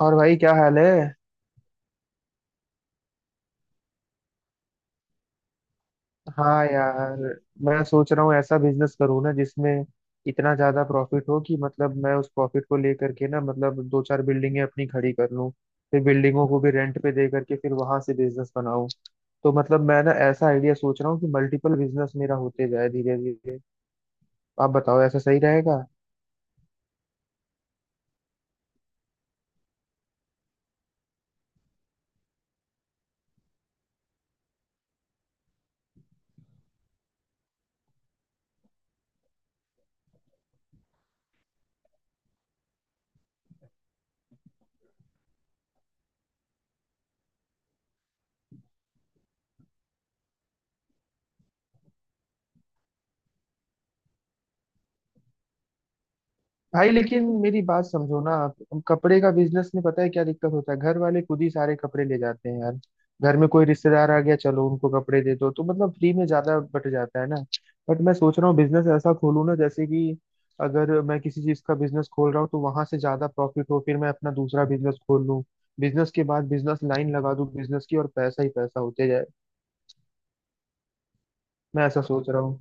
और भाई क्या हाल है? हाँ यार, मैं सोच रहा हूँ ऐसा बिजनेस करूँ ना जिसमें इतना ज्यादा प्रॉफिट हो कि मतलब मैं उस प्रॉफिट को लेकर के ना मतलब दो चार बिल्डिंगें अपनी खड़ी कर लूँ। फिर बिल्डिंगों को भी रेंट पे दे करके फिर वहां से बिजनेस बनाऊँ। तो मतलब मैं ना ऐसा आइडिया सोच रहा हूँ कि मल्टीपल बिजनेस मेरा होते जाए धीरे धीरे। आप बताओ ऐसा सही रहेगा? भाई लेकिन मेरी बात समझो ना, आप अब कपड़े का बिजनेस में पता है क्या दिक्कत होता है? घर वाले खुद ही सारे कपड़े ले जाते हैं यार। घर में कोई रिश्तेदार आ गया, चलो उनको कपड़े दे दो, तो मतलब फ्री में ज्यादा बट जाता है ना। बट मैं सोच रहा हूँ बिजनेस ऐसा खोलूँ ना जैसे कि अगर मैं किसी चीज का बिजनेस खोल रहा हूँ तो वहां से ज्यादा प्रॉफिट हो, फिर मैं अपना दूसरा बिजनेस खोल लूँ। बिजनेस के बाद बिजनेस, लाइन लगा दूँ बिजनेस की और पैसा ही पैसा होते जाए। मैं ऐसा सोच रहा हूँ।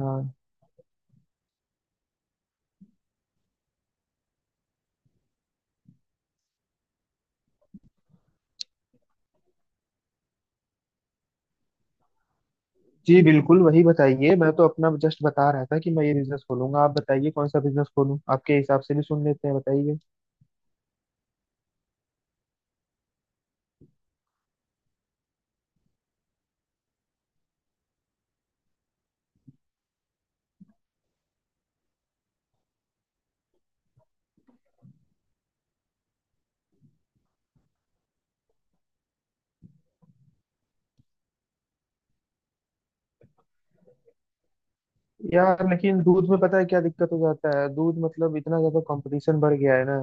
हाँ जी, बिल्कुल वही बताइए। मैं तो अपना जस्ट बता रहा था कि मैं ये बिजनेस खोलूंगा। आप बताइए कौन सा बिजनेस खोलूं, आपके हिसाब से भी सुन लेते हैं, बताइए। यार लेकिन दूध में पता है क्या दिक्कत हो जाता है? दूध मतलब इतना ज्यादा कंपटीशन बढ़ गया है ना।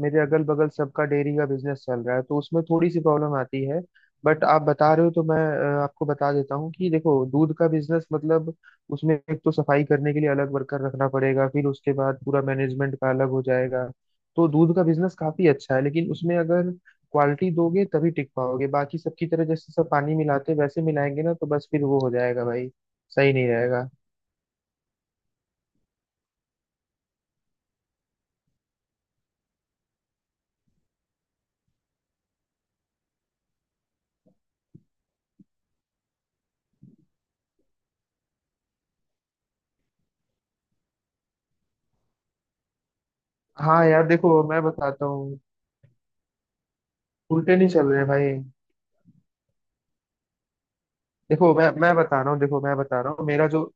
मेरे अगल बगल सबका डेयरी का बिजनेस चल रहा है तो उसमें थोड़ी सी प्रॉब्लम आती है। बट आप बता रहे हो तो मैं आपको बता देता हूँ कि देखो दूध का बिजनेस मतलब उसमें एक तो सफाई करने के लिए अलग वर्कर रखना पड़ेगा, फिर उसके बाद पूरा मैनेजमेंट का अलग हो जाएगा। तो दूध का बिजनेस काफी अच्छा है, लेकिन उसमें अगर क्वालिटी दोगे तभी टिक पाओगे। बाकी सबकी तरह जैसे सब पानी मिलाते हैं, वैसे मिलाएंगे ना तो बस फिर वो हो जाएगा भाई, सही नहीं रहेगा। हाँ यार देखो, मैं बताता हूँ। उल्टे नहीं चल रहे भाई। देखो मैं बता रहा हूँ, देखो मैं बता रहा हूँ, मेरा जो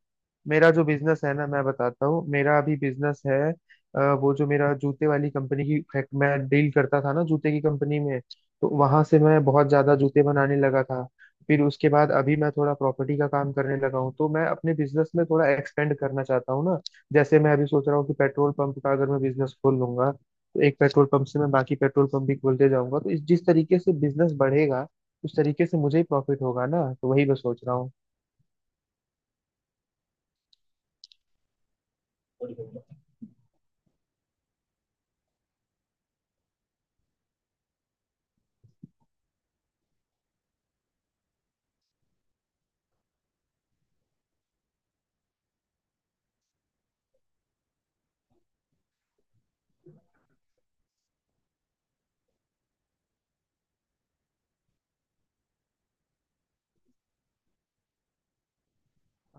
मेरा जो बिजनेस है ना, मैं बताता हूँ। मेरा अभी बिजनेस है वो जो मेरा जूते वाली कंपनी की फैक्ट, मैं डील करता था ना जूते की कंपनी में। तो वहां से मैं बहुत ज्यादा जूते बनाने लगा था। फिर उसके बाद अभी मैं थोड़ा प्रॉपर्टी का काम करने लगा हूँ, तो मैं अपने बिजनेस में थोड़ा एक्सपेंड करना चाहता हूँ ना। जैसे मैं अभी सोच रहा हूँ कि पेट्रोल पंप का अगर मैं बिजनेस खोल लूंगा तो एक पेट्रोल पंप से मैं बाकी पेट्रोल पंप भी खोलते जाऊंगा, तो इस जिस तरीके से बिजनेस बढ़ेगा उस तरीके से मुझे ही प्रॉफिट होगा ना। तो वही मैं सोच रहा हूँ।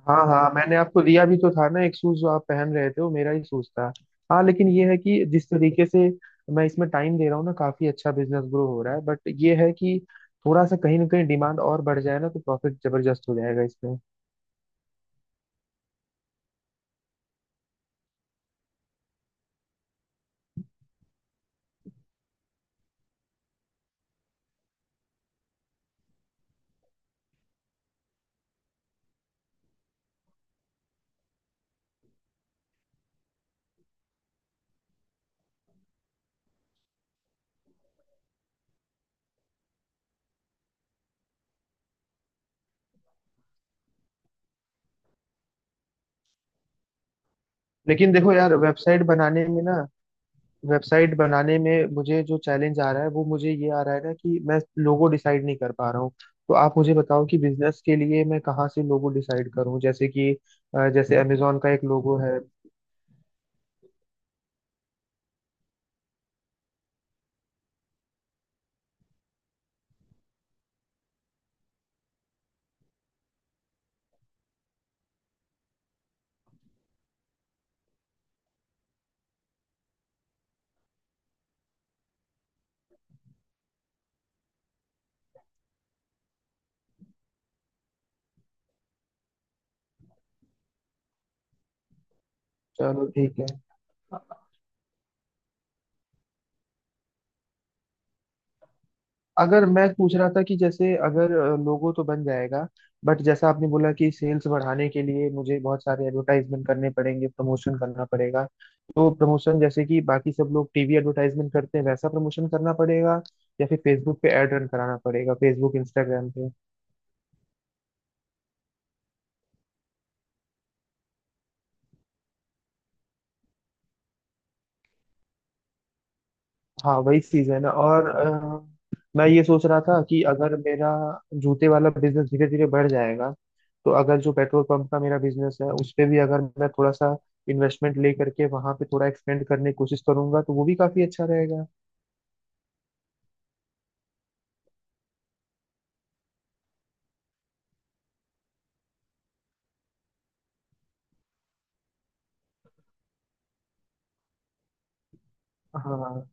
हाँ हाँ, मैंने आपको दिया भी तो था ना एक शूज, जो आप पहन रहे थे वो मेरा ही शूज था। हाँ, लेकिन ये है कि जिस तरीके से मैं इसमें टाइम दे रहा हूँ ना, काफी अच्छा बिजनेस ग्रो हो रहा है। बट ये है कि थोड़ा सा कहीं ना कहीं डिमांड और बढ़ जाए ना तो प्रॉफिट जबरदस्त हो जाएगा इसमें। लेकिन देखो यार, वेबसाइट बनाने में ना, वेबसाइट बनाने में मुझे जो चैलेंज आ रहा है वो मुझे ये आ रहा है ना कि मैं लोगो डिसाइड नहीं कर पा रहा हूँ। तो आप मुझे बताओ कि बिजनेस के लिए मैं कहाँ से लोगो डिसाइड करूँ? जैसे कि जैसे अमेजोन का एक लोगो है। चलो ठीक है। अगर मैं पूछ रहा था कि जैसे अगर लोगो तो बन जाएगा, बट जैसा आपने बोला कि सेल्स बढ़ाने के लिए मुझे बहुत सारे एडवर्टाइजमेंट करने पड़ेंगे, प्रमोशन करना पड़ेगा। तो प्रमोशन जैसे कि बाकी सब लोग टीवी एडवर्टाइजमेंट करते हैं वैसा प्रमोशन करना पड़ेगा, या फिर फेसबुक पे एड रन कराना पड़ेगा, फेसबुक इंस्टाग्राम पे। हाँ वही चीज है ना। और मैं ये सोच रहा था कि अगर मेरा जूते वाला बिजनेस धीरे धीरे बढ़ जाएगा, तो अगर जो पेट्रोल पंप का मेरा बिजनेस है उस पे भी अगर मैं थोड़ा सा इन्वेस्टमेंट ले करके वहां पे थोड़ा एक्सपेंड करने की कोशिश करूंगा तो वो भी काफी अच्छा रहेगा। हाँ,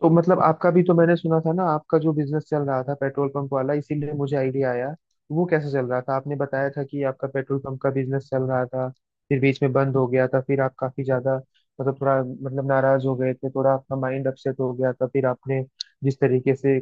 तो मतलब आपका भी तो मैंने सुना था ना, आपका जो बिजनेस चल रहा था पेट्रोल पंप वाला, इसीलिए मुझे आइडिया आया। वो कैसे चल रहा था? आपने बताया था कि आपका पेट्रोल पंप का बिजनेस चल रहा था, फिर बीच में बंद हो गया था, फिर आप काफी ज्यादा मतलब थोड़ा मतलब नाराज हो गए थे, थोड़ा आपका माइंड अपसेट हो गया था, फिर आपने जिस तरीके से।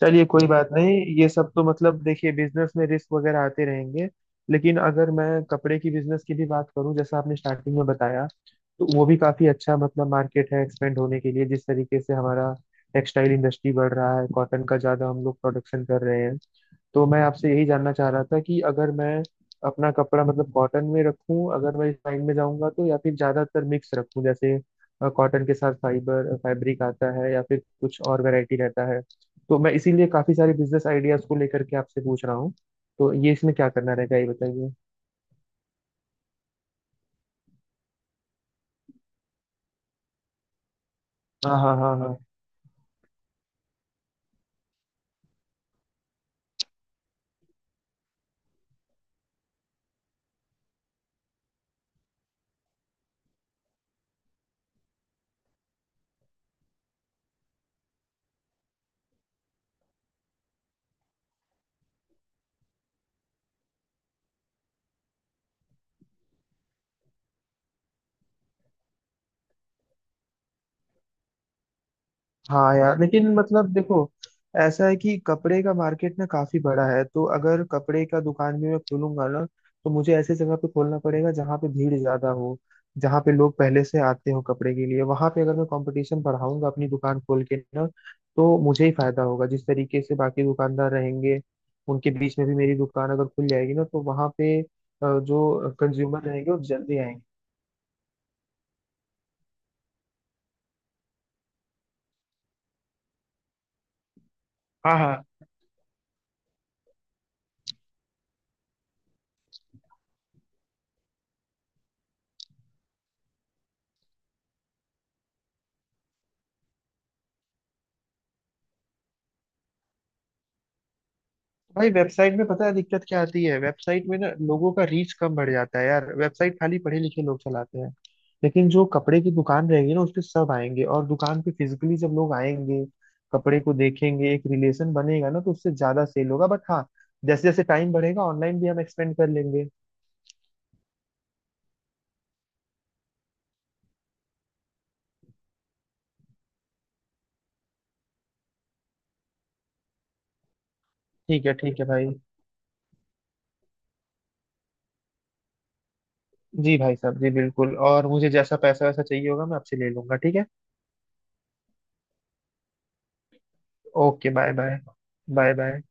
चलिए कोई बात नहीं। ये सब तो मतलब देखिए बिजनेस में रिस्क वगैरह आते रहेंगे। लेकिन अगर मैं कपड़े की बिजनेस की भी बात करूं जैसा आपने स्टार्टिंग में बताया, तो वो भी काफी अच्छा मतलब मार्केट है एक्सपेंड होने के लिए। जिस तरीके से हमारा टेक्सटाइल इंडस्ट्री बढ़ रहा है, कॉटन का ज्यादा हम लोग प्रोडक्शन कर रहे हैं। तो मैं आपसे यही जानना चाह रहा था कि अगर मैं अपना कपड़ा मतलब कॉटन में रखूं अगर मैं इस लाइन में जाऊंगा तो, या फिर ज्यादातर मिक्स रखूं जैसे कॉटन के साथ फाइबर फैब्रिक आता है या फिर कुछ और वैरायटी रहता है। तो मैं इसीलिए काफी सारे बिजनेस आइडियाज को लेकर के आपसे पूछ रहा हूँ। तो ये इसमें क्या करना रहेगा ये बताइए। हाँ हाँ हाँ हाँ। हाँ यार लेकिन मतलब देखो, ऐसा है कि कपड़े का मार्केट ना काफी बड़ा है, तो अगर कपड़े का दुकान भी मैं खोलूंगा ना तो मुझे ऐसे जगह पे खोलना पड़ेगा जहाँ पे भीड़ ज्यादा हो, जहाँ पे लोग पहले से आते हो कपड़े के लिए। वहां पे अगर मैं कंपटीशन बढ़ाऊंगा अपनी दुकान खोल के ना, तो मुझे ही फायदा होगा। जिस तरीके से बाकी दुकानदार रहेंगे, उनके बीच में भी मेरी दुकान अगर खुल जाएगी ना तो वहां पे जो कंज्यूमर रहेंगे वो जल्दी आएंगे। हाँ हाँ। भाई वेबसाइट में पता है दिक्कत क्या आती है? वेबसाइट में ना लोगों का रीच कम बढ़ जाता है यार। वेबसाइट खाली पढ़े लिखे लोग चलाते हैं। लेकिन जो कपड़े की दुकान रहेगी ना उस पे सब आएंगे, और दुकान पे फिजिकली जब लोग आएंगे, कपड़े को देखेंगे, एक रिलेशन बनेगा ना, तो उससे ज्यादा सेल होगा। बट हाँ, जैसे जैसे टाइम बढ़ेगा ऑनलाइन भी हम एक्सपेंड कर लेंगे। ठीक है, ठीक है भाई। जी भाई साहब, जी बिल्कुल। और मुझे जैसा पैसा वैसा चाहिए होगा मैं आपसे ले लूंगा, ठीक है। Okay bye. Bye bye. Bye